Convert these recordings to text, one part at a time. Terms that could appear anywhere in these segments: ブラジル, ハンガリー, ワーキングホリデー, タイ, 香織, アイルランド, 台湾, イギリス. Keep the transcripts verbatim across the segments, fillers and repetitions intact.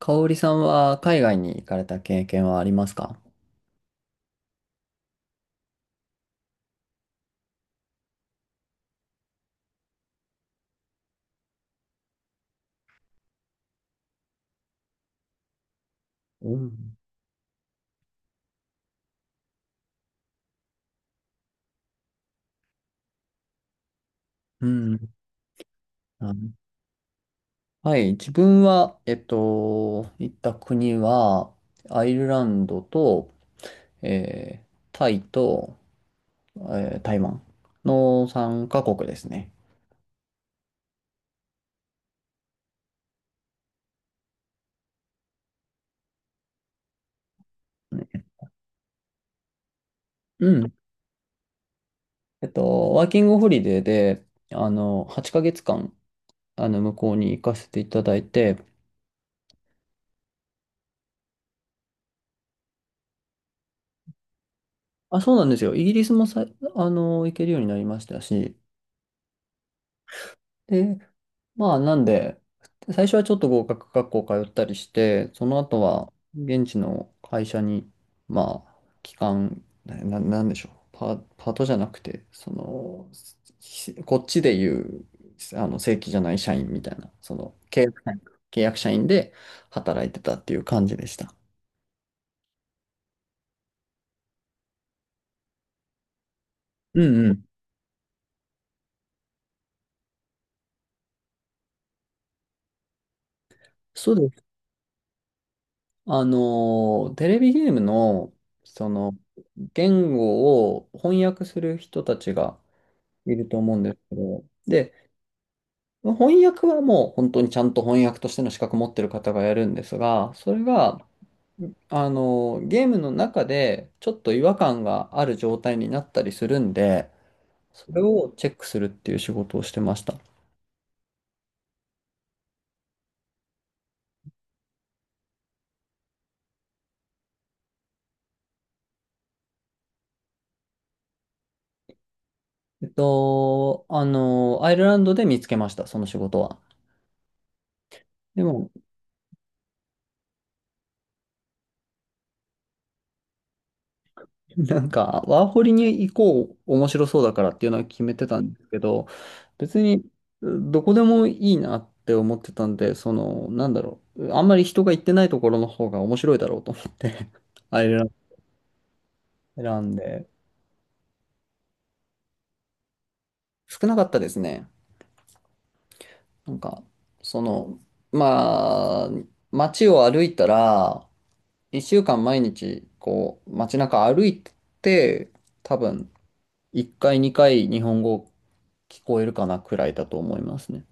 香織さんは海外に行かれた経験はありますか？うん。うん。あ、はい。自分は、えっと、行った国は、アイルランドと、えータイと、えー台湾のさんかこくカ国ですね。うん。えっと、ワーキングホリデーで、あの、はちかげつかん、あの、向こうに行かせていただいて、あ、そうなんですよ。イギリスもさ、あの、行けるようになりましたし、で、まあ、なんで、最初はちょっと合格学校通ったりして、その後は現地の会社に、まあ、期間、な、ななんでしょう、パ、パートじゃなくて、その、しこっちでいう、あの、正規じゃない社員みたいな、その、契約社員、契約社員で働いてたっていう感じでした。うんうん。そうです。あの、テレビゲームの、その、言語を翻訳する人たちがいると思うんですけど、で、翻訳はもう本当にちゃんと翻訳としての資格持ってる方がやるんですが、それが、あの、ゲームの中でちょっと違和感がある状態になったりするんで、それをチェックするっていう仕事をしてました。えっと、あの、アイルランドで見つけました、その仕事は。でも、なんか、ワーホリに行こう、面白そうだからっていうのは決めてたんですけど、別に、どこでもいいなって思ってたんで、その、なんだろう、あんまり人が行ってないところの方が面白いだろうと思って あれら 選んで、少なかったですね。なんか、その、まあ、街を歩いたら、いっしゅうかん毎日、こう、街中歩いて、多分、いっかい、にかい日本語聞こえるかなくらいだと思いますね。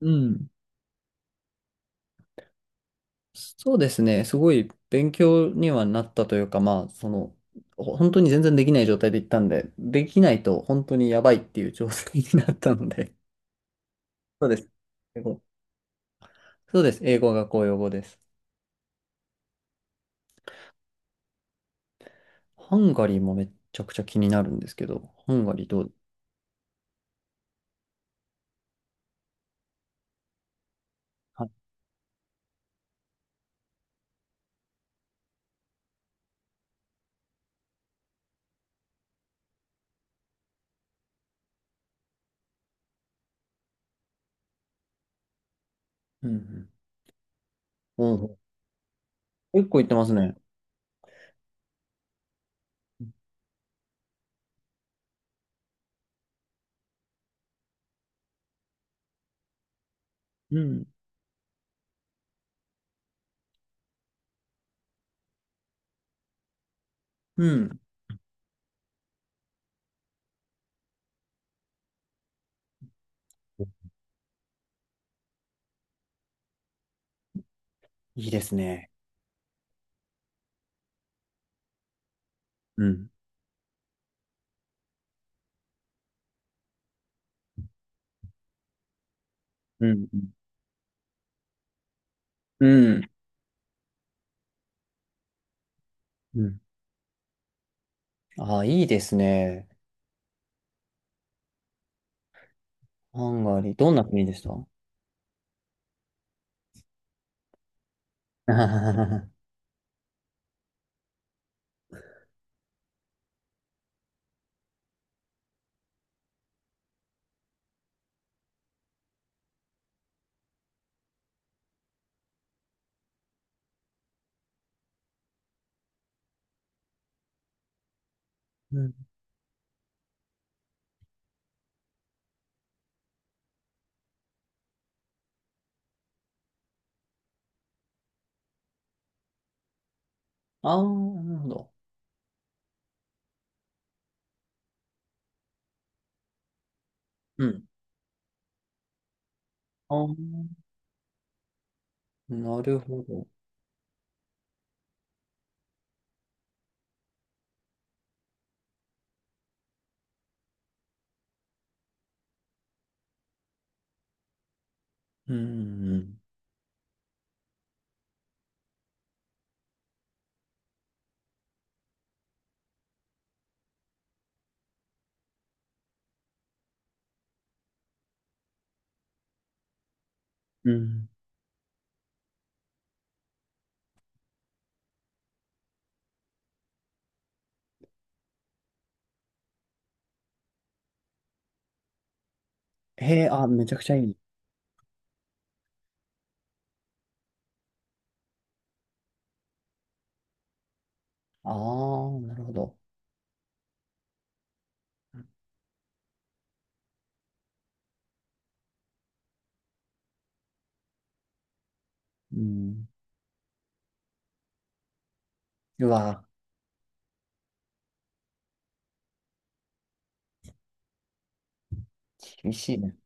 うん。そうですね。すごい勉強にはなったというか、まあ、その、ほ本当に全然できない状態で行ったんで、できないと本当にやばいっていう状態になったので。そうです。英語。そうです。英語が公用語です。ハンガリーもめっちゃくちゃ気になるんですけど、ハンガリーどう？はい。うんうん。おう。結構行ってますね。うん。うん。いいですね。うん。うん。うん。うんうん。ああ、いいですね。ハンガリー。どんな国でした？ うん。ああ、なるほど。うん。ああ、なるほど。うん。うん。へえ、あ、めちゃくちゃいい。ああ、なるほど。うん。うわ、厳しいね。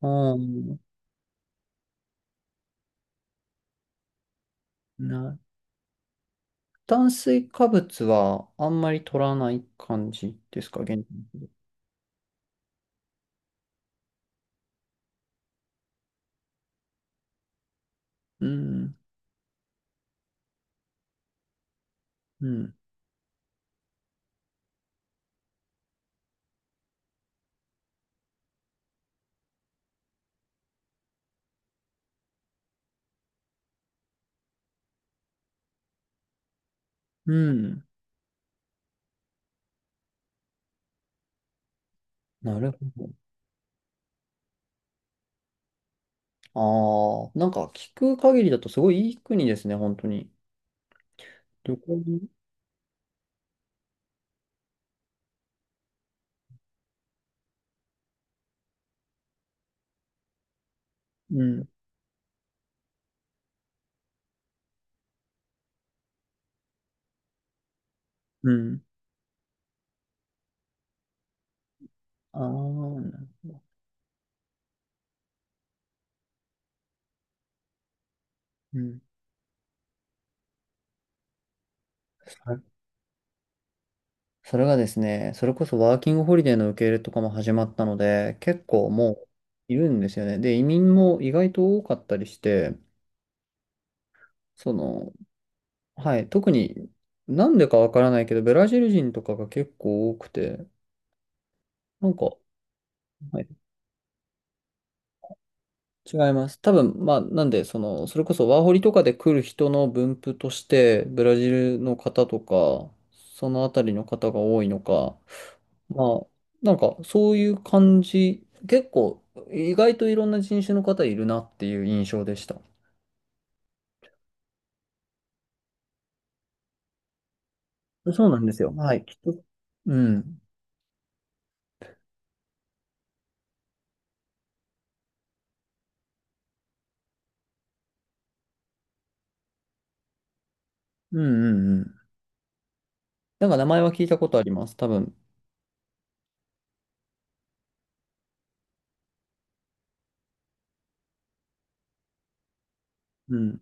うん。な、炭水化物はあんまり取らない感じですか、現うん。うん。うん。なるほど。ああ、なんか聞く限りだとすごいいい国ですね、本当に。旅行に。うん。うん。ああ、うん。それがですね、それこそワーキングホリデーの受け入れとかも始まったので、結構もういるんですよね。で、移民も意外と多かったりして、その、はい、特になんでかわからないけど、ブラジル人とかが結構多くて、なんか、はい、違います。多分、まあ、なんで、その、それこそワーホリとかで来る人の分布として、ブラジルの方とか、そのあたりの方が多いのか、まあ、なんかそういう感じ、結構意外といろんな人種の方いるなっていう印象でした。そうなんですよ。はい、きっと。うん。うんうんうん。なんか名前は聞いたことあります。多分。うん。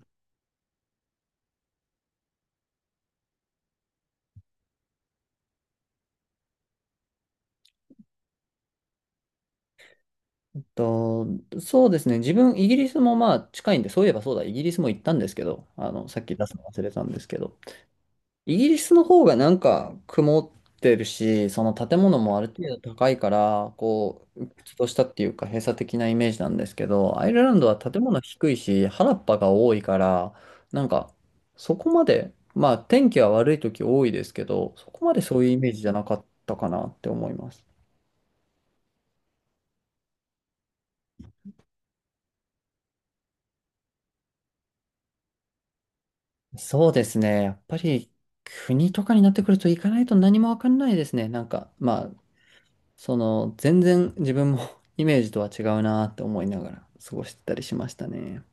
と、そうですね。自分、イギリスもまあ近いんで、そういえばそうだ、イギリスも行ったんですけど、あの、さっき出すの忘れたんですけど、イギリスの方がなんか曇ってるし、その建物もある程度高いから、こう、鬱屈としたっていうか閉鎖的なイメージなんですけど、アイルランドは建物低いし、原っぱが多いから、なんかそこまで、まあ天気は悪い時多いですけど、そこまでそういうイメージじゃなかったかなって思います。そうですね。やっぱり国とかになってくると行かないと何もわかんないですね。なんか、まあ、その、全然自分も イメージとは違うなって思いながら過ごしてたりしましたね。